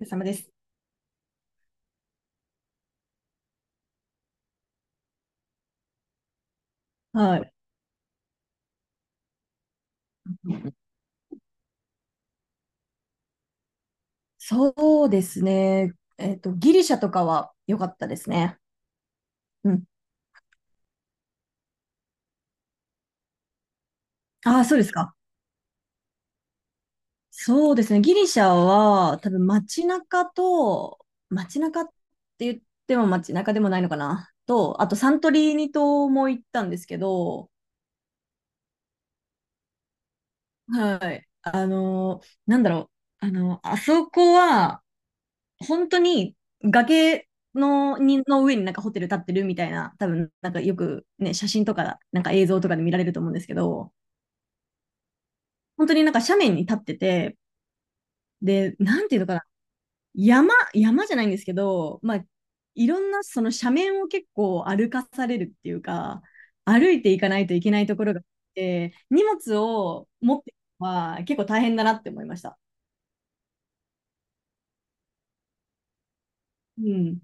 お疲れ様です。はい。そうですね。ギリシャとかは良かったですね。うん。ああ、そうですか。そうですね。ギリシャは、多分街中と、街中って言っても街中でもないのかな。と、あとサントリーニ島も行ったんですけど、はい。なんだろう。あそこは、本当に崖のにの上になんかホテル建ってるみたいな、多分なんかよくね、写真とか、なんか映像とかで見られると思うんですけど、本当になんか斜面に立ってて、で、なんていうのかな、山じゃないんですけど、まあ、いろんなその斜面を結構歩かされるっていうか、歩いていかないといけないところがあって、荷物を持っていくのは結構大変だなって思いました。うん。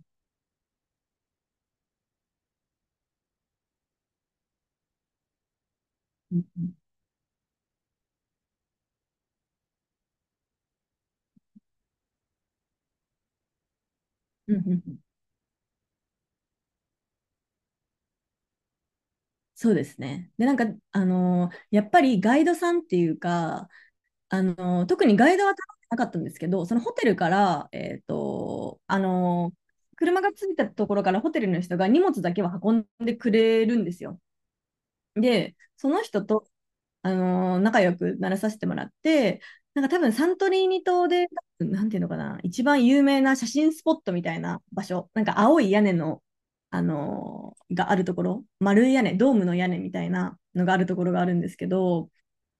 うんうんうんうん。そうですね。で、なんか、やっぱりガイドさんっていうか、あの特にガイドは頼んでなかったんですけど、そのホテルから、車が着いたところからホテルの人が荷物だけは運んでくれるんですよ。で、その人と仲良くならさせてもらって、なんか多分サントリーニ島で、なんていうのかな、一番有名な写真スポットみたいな場所、なんか青い屋根の、があるところ、丸い屋根、ドームの屋根みたいなのがあるところがあるんですけど、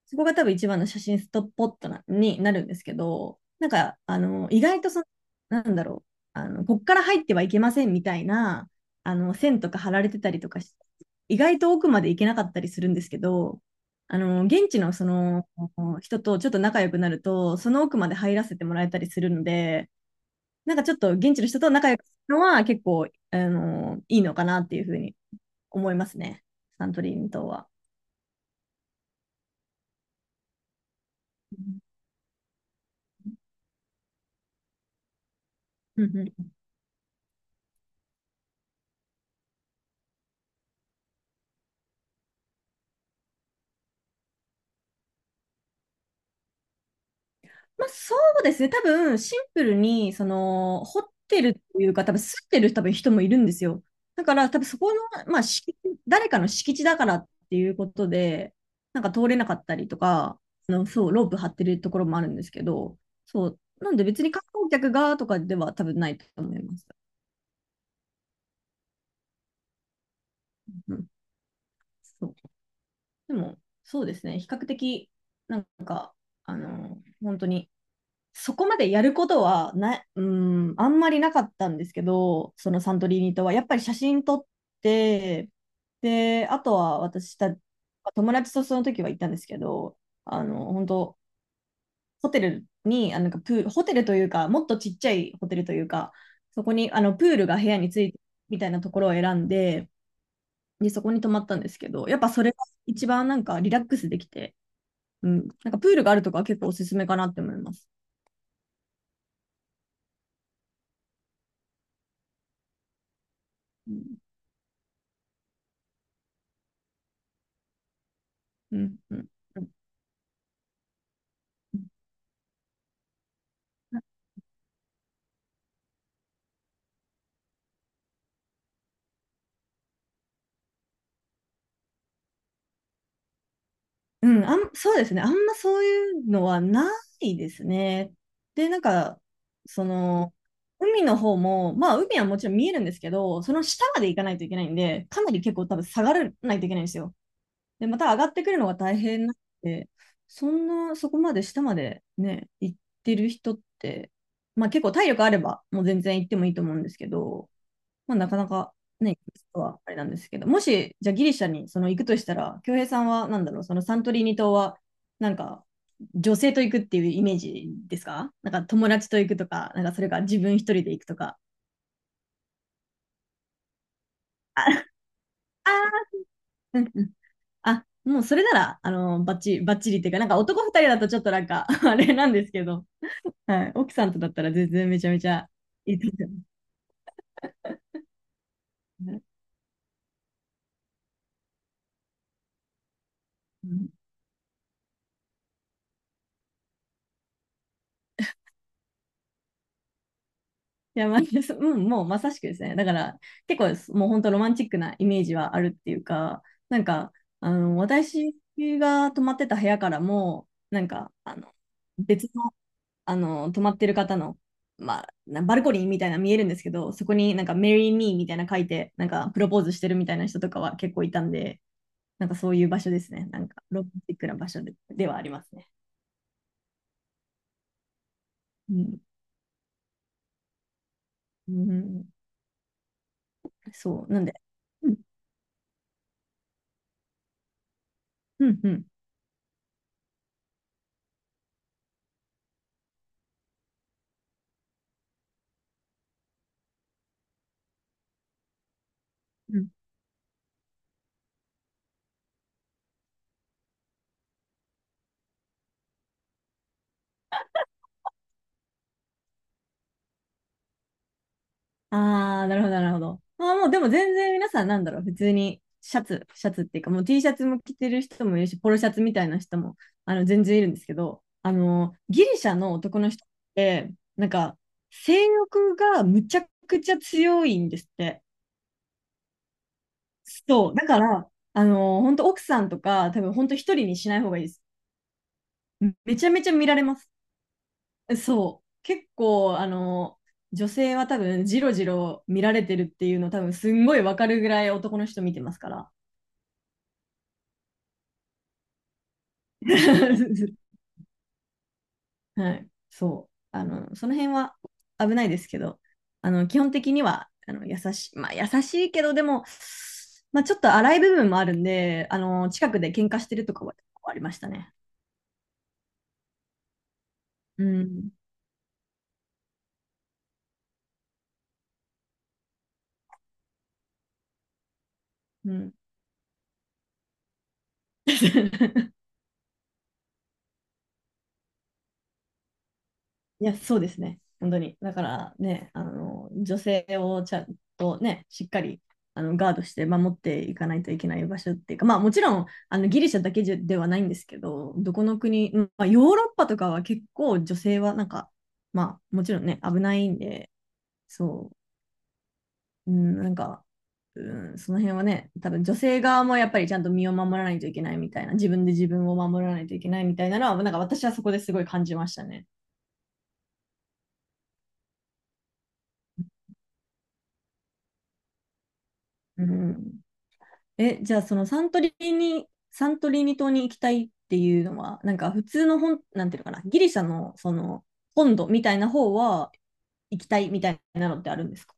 そこが多分一番の写真ストッポットなになるんですけど、なんか、意外とその、なんだろう、こっから入ってはいけませんみたいな、線とか貼られてたりとかし、意外と奥まで行けなかったりするんですけど、現地のその人とちょっと仲良くなると、その奥まで入らせてもらえたりするので、なんかちょっと現地の人と仲良くするのは結構、いいのかなっていうふうに思いますね、サントリーニ島は。うんうん。まあ、そうですね。多分、シンプルに、その、掘ってるというか、多分、吸ってる多分人もいるんですよ。だから、多分そこの、まあ、敷地、誰かの敷地だからっていうことで、なんか通れなかったりとか、そう、ロープ張ってるところもあるんですけど、そう。なんで別に観光客がとかでは多分ないと思います。うん。そう。でも、そうですね。比較的、なんか、本当に、そこまでやることはな、うん、あんまりなかったんですけど、そのサントリーニとは。やっぱり写真撮って、で、あとは友達とその時は行ったんですけど、本当ホテルに、なんかプール、ホテルというか、もっとちっちゃいホテルというか、そこに、プールが部屋についてるみたいなところを選んで、で、そこに泊まったんですけど、やっぱそれが一番なんかリラックスできて、うん、なんかプールがあるとかは結構おすすめかなって思います。うん、うん、うん。うん、そうですね。あんまそういうのはないですね。で、なんか、その、海の方も、まあ、海はもちろん見えるんですけど、その下まで行かないといけないんで、かなり結構多分下がらないといけないんですよ。で、また上がってくるのが大変なんで、そんな、そこまで下までね、行ってる人って、まあ結構体力あれば、もう全然行ってもいいと思うんですけど、まあ、なかなかね、はあれなんですけど、もし、じゃあギリシャにその行くとしたら、恭平さんはなんだろう、そのサントリーニ島は、なんか、女性と行くっていうイメージですか？なんか友達と行くとか、なんかそれか自分一人で行くとか。あ、あー、うんうん。あ、もうそれなら、バッチリ、バッチリっていうか、なんか男二人だとちょっとなんか あれなんですけど、はい、奥さんとだったら全然めちゃめちゃいいと思います。うん。いや、まあ、ううん、もうまさしくですね。だから、結構もう本当ロマンチックなイメージはあるっていうか、なんか、私が泊まってた部屋からも、なんか、別の、泊まってる方の、まあ、なバルコニーみたいなの見えるんですけど、そこになんか、メリー・ミーみたいなの書いて、なんか、プロポーズしてるみたいな人とかは結構いたんで、なんかそういう場所ですね。なんか、ロマンチックな場所で、ではありますね。うん。うん、そう。なんで、うん、うん、うん。うん。ああ、なるほど、なるほど。まあもう、でも全然皆さんなんだろう、普通にシャツ、シャツっていうか、もう T シャツも着てる人もいるし、ポロシャツみたいな人も、全然いるんですけど、ギリシャの男の人って、なんか、性欲がむちゃくちゃ強いんですって。そう。だから、本当奥さんとか、多分本当一人にしない方がいいです。めちゃめちゃ見られます。そう。結構、女性は多分、ジロジロ見られてるっていうの、多分、すんごいわかるぐらい男の人見てますから。はい。そう。その辺は危ないですけど、基本的には、優しい、まあ、優しいけど、でも、まあ、ちょっと荒い部分もあるんで、近くで喧嘩してるとかはありましたね。うん。うん。いや、そうですね。本当に。だからね、女性をちゃんとね、しっかりガードして守っていかないといけない場所っていうか、まあもちろんあのギリシャだけじゃではないんですけど、どこの国、うんまあ、ヨーロッパとかは結構女性はなんか、まあもちろんね、危ないんで、そう、うん、なんか、うん、その辺はね、多分女性側もやっぱりちゃんと身を守らないといけないみたいな、自分で自分を守らないといけないみたいなのは、なんか私はそこですごい感じましたね。うん。え、じゃあそのサントリーニ島に行きたいっていうのは、なんか普通の本、なんていうのかな、ギリシャのその本土みたいな方は行きたいみたいなのってあるんですか？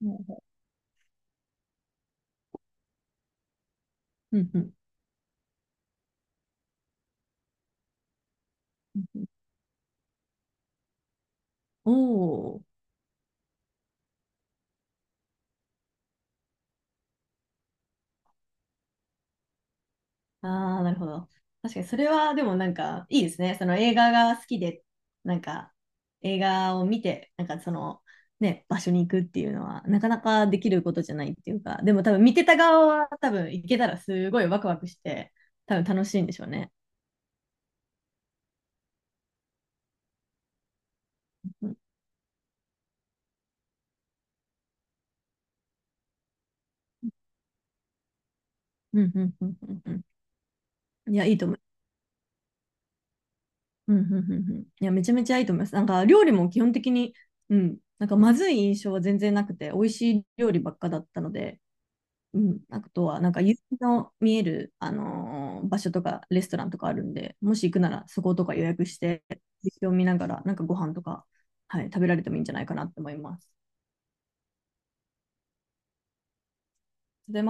うんうんうん。おおー。ああ、なるほど。確かに、それはでもなんか、いいですね。その映画が好きで、なんか、映画を見て、なんかその、ね、場所に行くっていうのは、なかなかできることじゃないっていうか、でも多分見てた側は多分行けたらすごいワクワクして、多分楽しいんでしょうね。うん、うん、うん、うん、うんうん。いや、いいと思う。うん、うん、うん、うん。いや、めちゃめちゃいいと思います。なんか、料理も基本的に、うん、なんかまずい印象は全然なくて、美味しい料理ばっかだったので、うん、あとは、なんか夕日の見える、場所とかレストランとかあるんで、もし行くならそことか予約して、夕日を見ながら、なんかご飯とか、はい、食べられてもいいんじゃないかなって思います。で